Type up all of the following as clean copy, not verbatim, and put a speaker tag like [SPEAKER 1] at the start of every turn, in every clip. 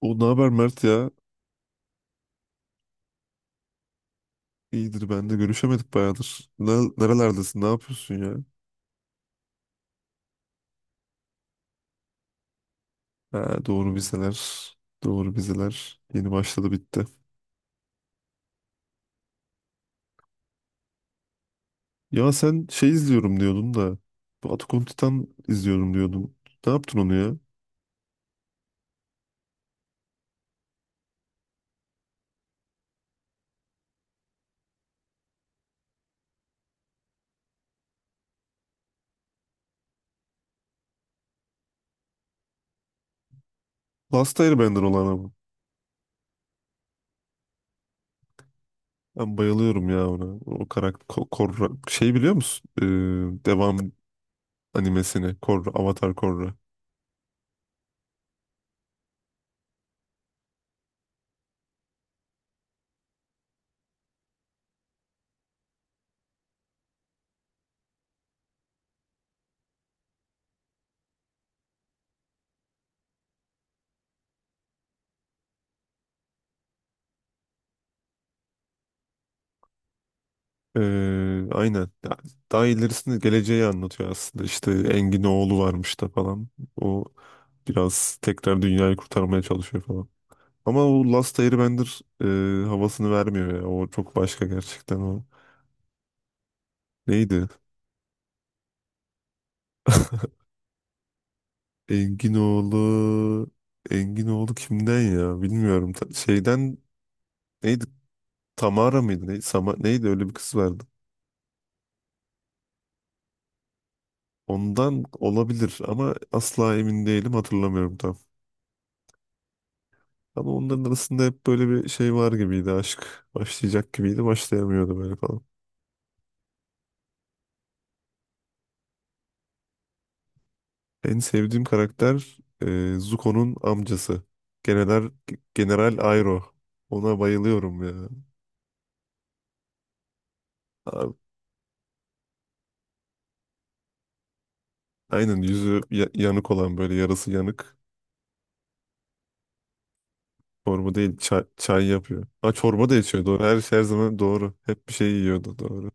[SPEAKER 1] O ne haber Mert ya? İyidir, ben de görüşemedik bayağıdır. Nerelerdesin? Ne yapıyorsun ya? Ha, doğru, vizeler. Doğru, vizeler. Yeni başladı, bitti. Ya sen şey izliyorum diyordun da. Bu Attack on Titan izliyorum diyordun. Ne yaptın onu ya? Last Airbender olan ama. Ben bayılıyorum ya ona. O karakter Korra. Şey biliyor musun? Devam animesini. Korra. Avatar Korra. Ee, aynen. Ya, daha ilerisinde geleceği anlatıyor aslında. İşte Engin oğlu varmış da falan. O biraz tekrar dünyayı kurtarmaya çalışıyor falan. Ama o Last Airbender havasını vermiyor ya. O çok başka gerçekten o. Neydi? Engin oğlu... Engin oğlu kimden ya? Bilmiyorum. Şeyden neydi? Tamara mıydı? Neydi? Sama... neydi? Öyle bir kız vardı. Ondan olabilir ama asla emin değilim, hatırlamıyorum tam. Ama onların arasında hep böyle bir şey var gibiydi, aşk. Başlayacak gibiydi, başlayamıyordu böyle falan. En sevdiğim karakter Zuko'nun amcası. General, General Airo. Ona bayılıyorum ya. Abi, aynen, yüzü yanık olan, böyle yarısı yanık. Çorba değil, çay, çay yapıyor. Ha, çorba da içiyor, doğru. Her şey her zaman doğru. Hep bir şey yiyordu, doğru.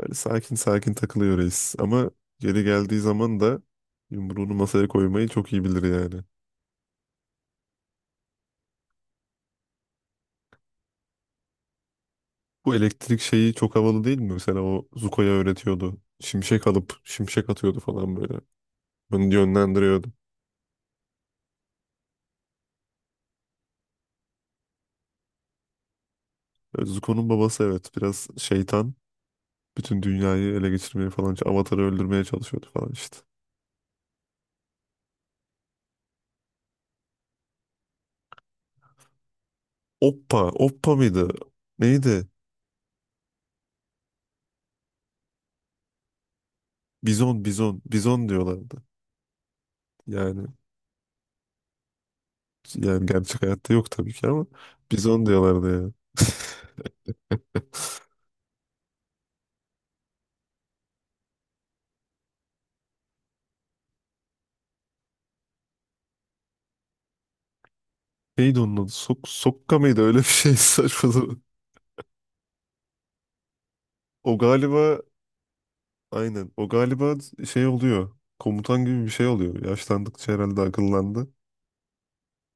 [SPEAKER 1] Böyle sakin sakin takılıyor reis. Ama geri geldiği zaman da yumruğunu masaya koymayı çok iyi bilir yani. Bu elektrik şeyi çok havalı değil mi? Mesela o Zuko'ya öğretiyordu. Şimşek alıp şimşek atıyordu falan böyle. Bunu yönlendiriyordu. E, Zuko'nun babası, evet, biraz şeytan. Bütün dünyayı ele geçirmeye falan, Avatar'ı öldürmeye çalışıyordu falan işte. Oppa, Oppa mıydı? Neydi? Bizon, Bizon, Bizon diyorlardı. Yani yani gerçek hayatta yok tabii ki ama Bizon diyorlardı ya. Neydi onun adı? Sok Sokka mıydı? Öyle bir şey saçmalı. O galiba aynen. O galiba şey oluyor. Komutan gibi bir şey oluyor. Yaşlandıkça herhalde akıllandı.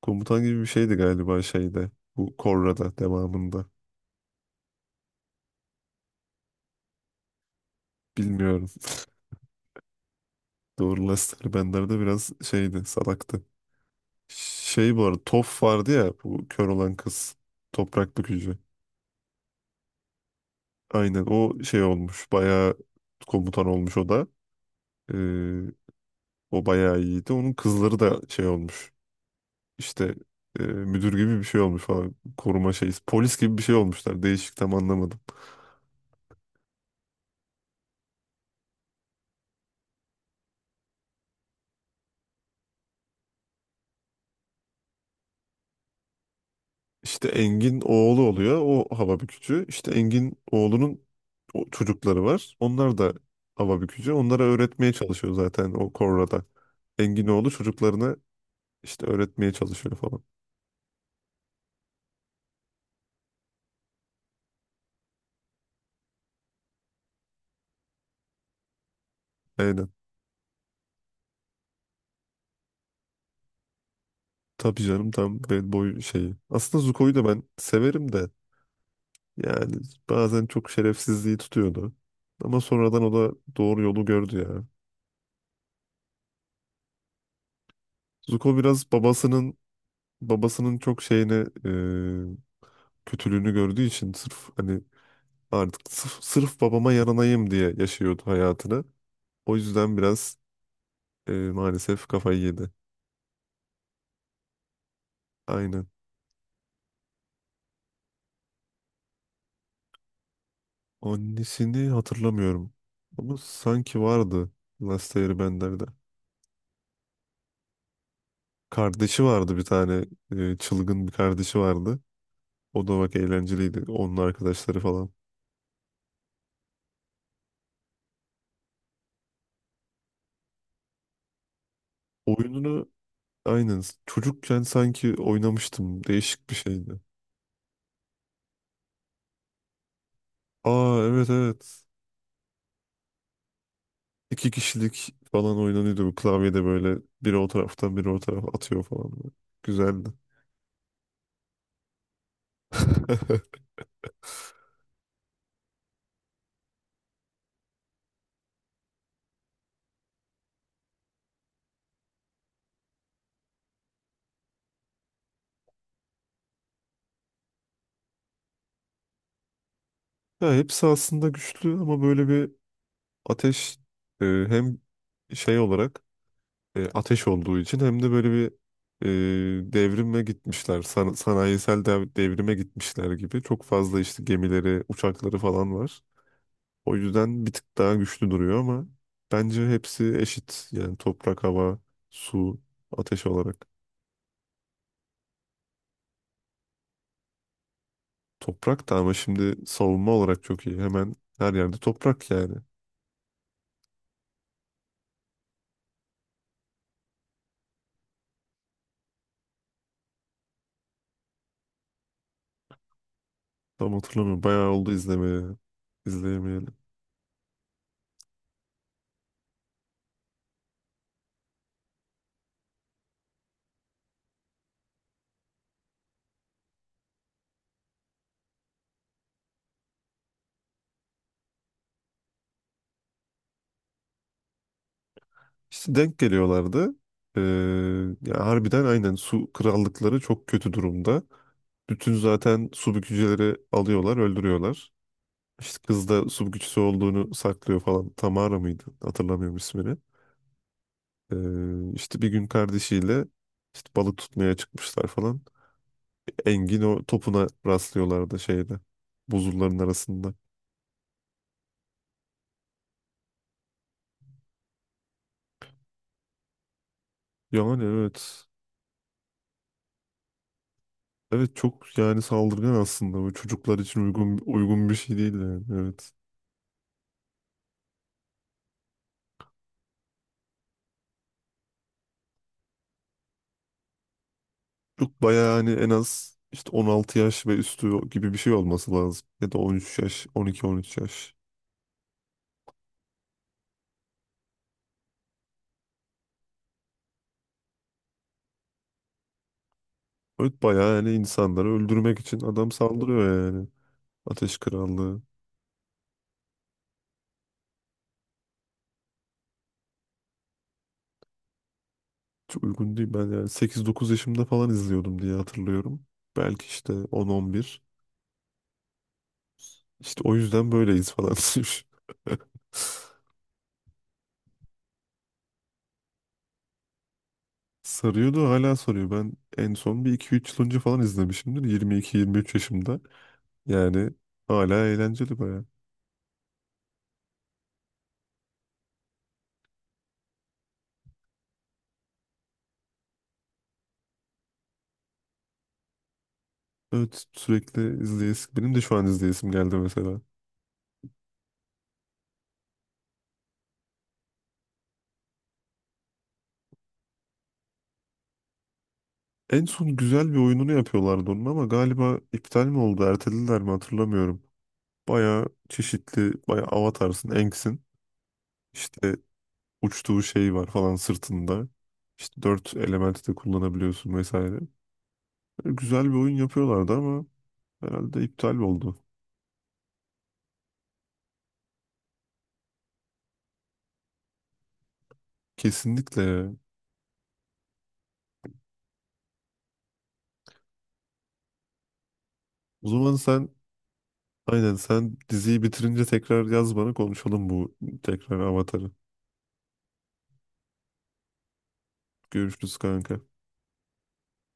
[SPEAKER 1] Komutan gibi bir şeydi galiba şeyde. Bu Korra'da devamında. Bilmiyorum. Doğru, Lester Bender de biraz şeydi. Salaktı. Şey, bu arada Toph vardı ya. Bu kör olan kız. Toprak bükücü. Aynen, o şey olmuş. Bayağı komutan olmuş o da. Ee, O bayağı iyiydi. Onun kızları da şey olmuş. İşte müdür gibi bir şey olmuş falan. Koruma şeyi, polis gibi bir şey olmuşlar. Değişik, tam anlamadım. İşte Engin oğlu oluyor. O hava bükücü. İşte Engin oğlunun o çocukları var. Onlar da hava bükücü. Onlara öğretmeye çalışıyor zaten o Korra'da. Engin oğlu çocuklarına işte öğretmeye çalışıyor falan. Aynen. Tabii canım, tam bad boy şeyi. Aslında Zuko'yu da ben severim de yani bazen çok şerefsizliği tutuyordu. Ama sonradan o da doğru yolu gördü ya. Zuko biraz babasının çok şeyini e, kötülüğünü gördüğü için sırf, hani, artık sırf babama yaranayım diye yaşıyordu hayatını. O yüzden biraz maalesef kafayı yedi. Aynen. Annesini hatırlamıyorum. Ama sanki vardı Last Airbender'de. Kardeşi vardı bir tane, çılgın bir kardeşi vardı. O da bak eğlenceliydi. Onun arkadaşları falan. Oyununu aynen çocukken sanki oynamıştım. Değişik bir şeydi. Aa, evet evet. İki kişilik falan oynanıyordu bu klavyede, böyle biri o taraftan biri o tarafa atıyor falan, böyle. Güzeldi. Ya hepsi aslında güçlü ama böyle bir ateş, hem şey olarak, ateş olduğu için hem de böyle bir devrime gitmişler. Sanayisel devrime gitmişler gibi. Çok fazla işte gemileri, uçakları falan var. O yüzden bir tık daha güçlü duruyor ama bence hepsi eşit. Yani toprak, hava, su, ateş olarak. Toprak da ama şimdi savunma olarak çok iyi. Hemen her yerde toprak yani. Tam hatırlamıyorum. Bayağı oldu izlemeye. İzleyemeyelim. İşte denk geliyorlardı. Ee, Ya harbiden aynen, su krallıkları çok kötü durumda. Bütün zaten su bükücüleri alıyorlar, öldürüyorlar. İşte kız da su bükücüsü olduğunu saklıyor falan. Tamara mıydı? Hatırlamıyorum ismini. İşte bir gün kardeşiyle işte balık tutmaya çıkmışlar falan. Engin o topuna rastlıyorlardı şeyde. Buzulların arasında. Yani evet. Evet, çok yani saldırgan aslında. Bu çocuklar için uygun bir şey değil yani. Evet. Çok bayağı hani en az işte 16 yaş ve üstü gibi bir şey olması lazım. Ya da 13 yaş, 12-13 yaş. Evet bayağı yani insanları öldürmek için adam saldırıyor yani. Ateş Krallığı. Çok uygun değil. Ben yani 8 9 yaşımda falan izliyordum diye hatırlıyorum. Belki işte on, on bir. İşte o yüzden böyleyiz falan demiş. Sarıyordu, hala sarıyor. Ben en son 1 2 3 yıl önce falan izlemişimdir, 22 23 yaşımda. Yani hala eğlenceli baya. Evet, sürekli izleyesim. Benim de şu an izleyesim geldi mesela. En son güzel bir oyununu yapıyorlardı onun ama galiba iptal mi oldu, ertelediler mi hatırlamıyorum. Baya çeşitli, baya Avatar'sın, Aang'sin. İşte uçtuğu şey var falan sırtında. İşte 4 elementi de kullanabiliyorsun vesaire. Güzel bir oyun yapıyorlardı ama herhalde iptal oldu. Kesinlikle ya. O zaman sen aynen, sen diziyi bitirince tekrar yaz bana, konuşalım bu, tekrar Avatar'ı. Görüşürüz kanka.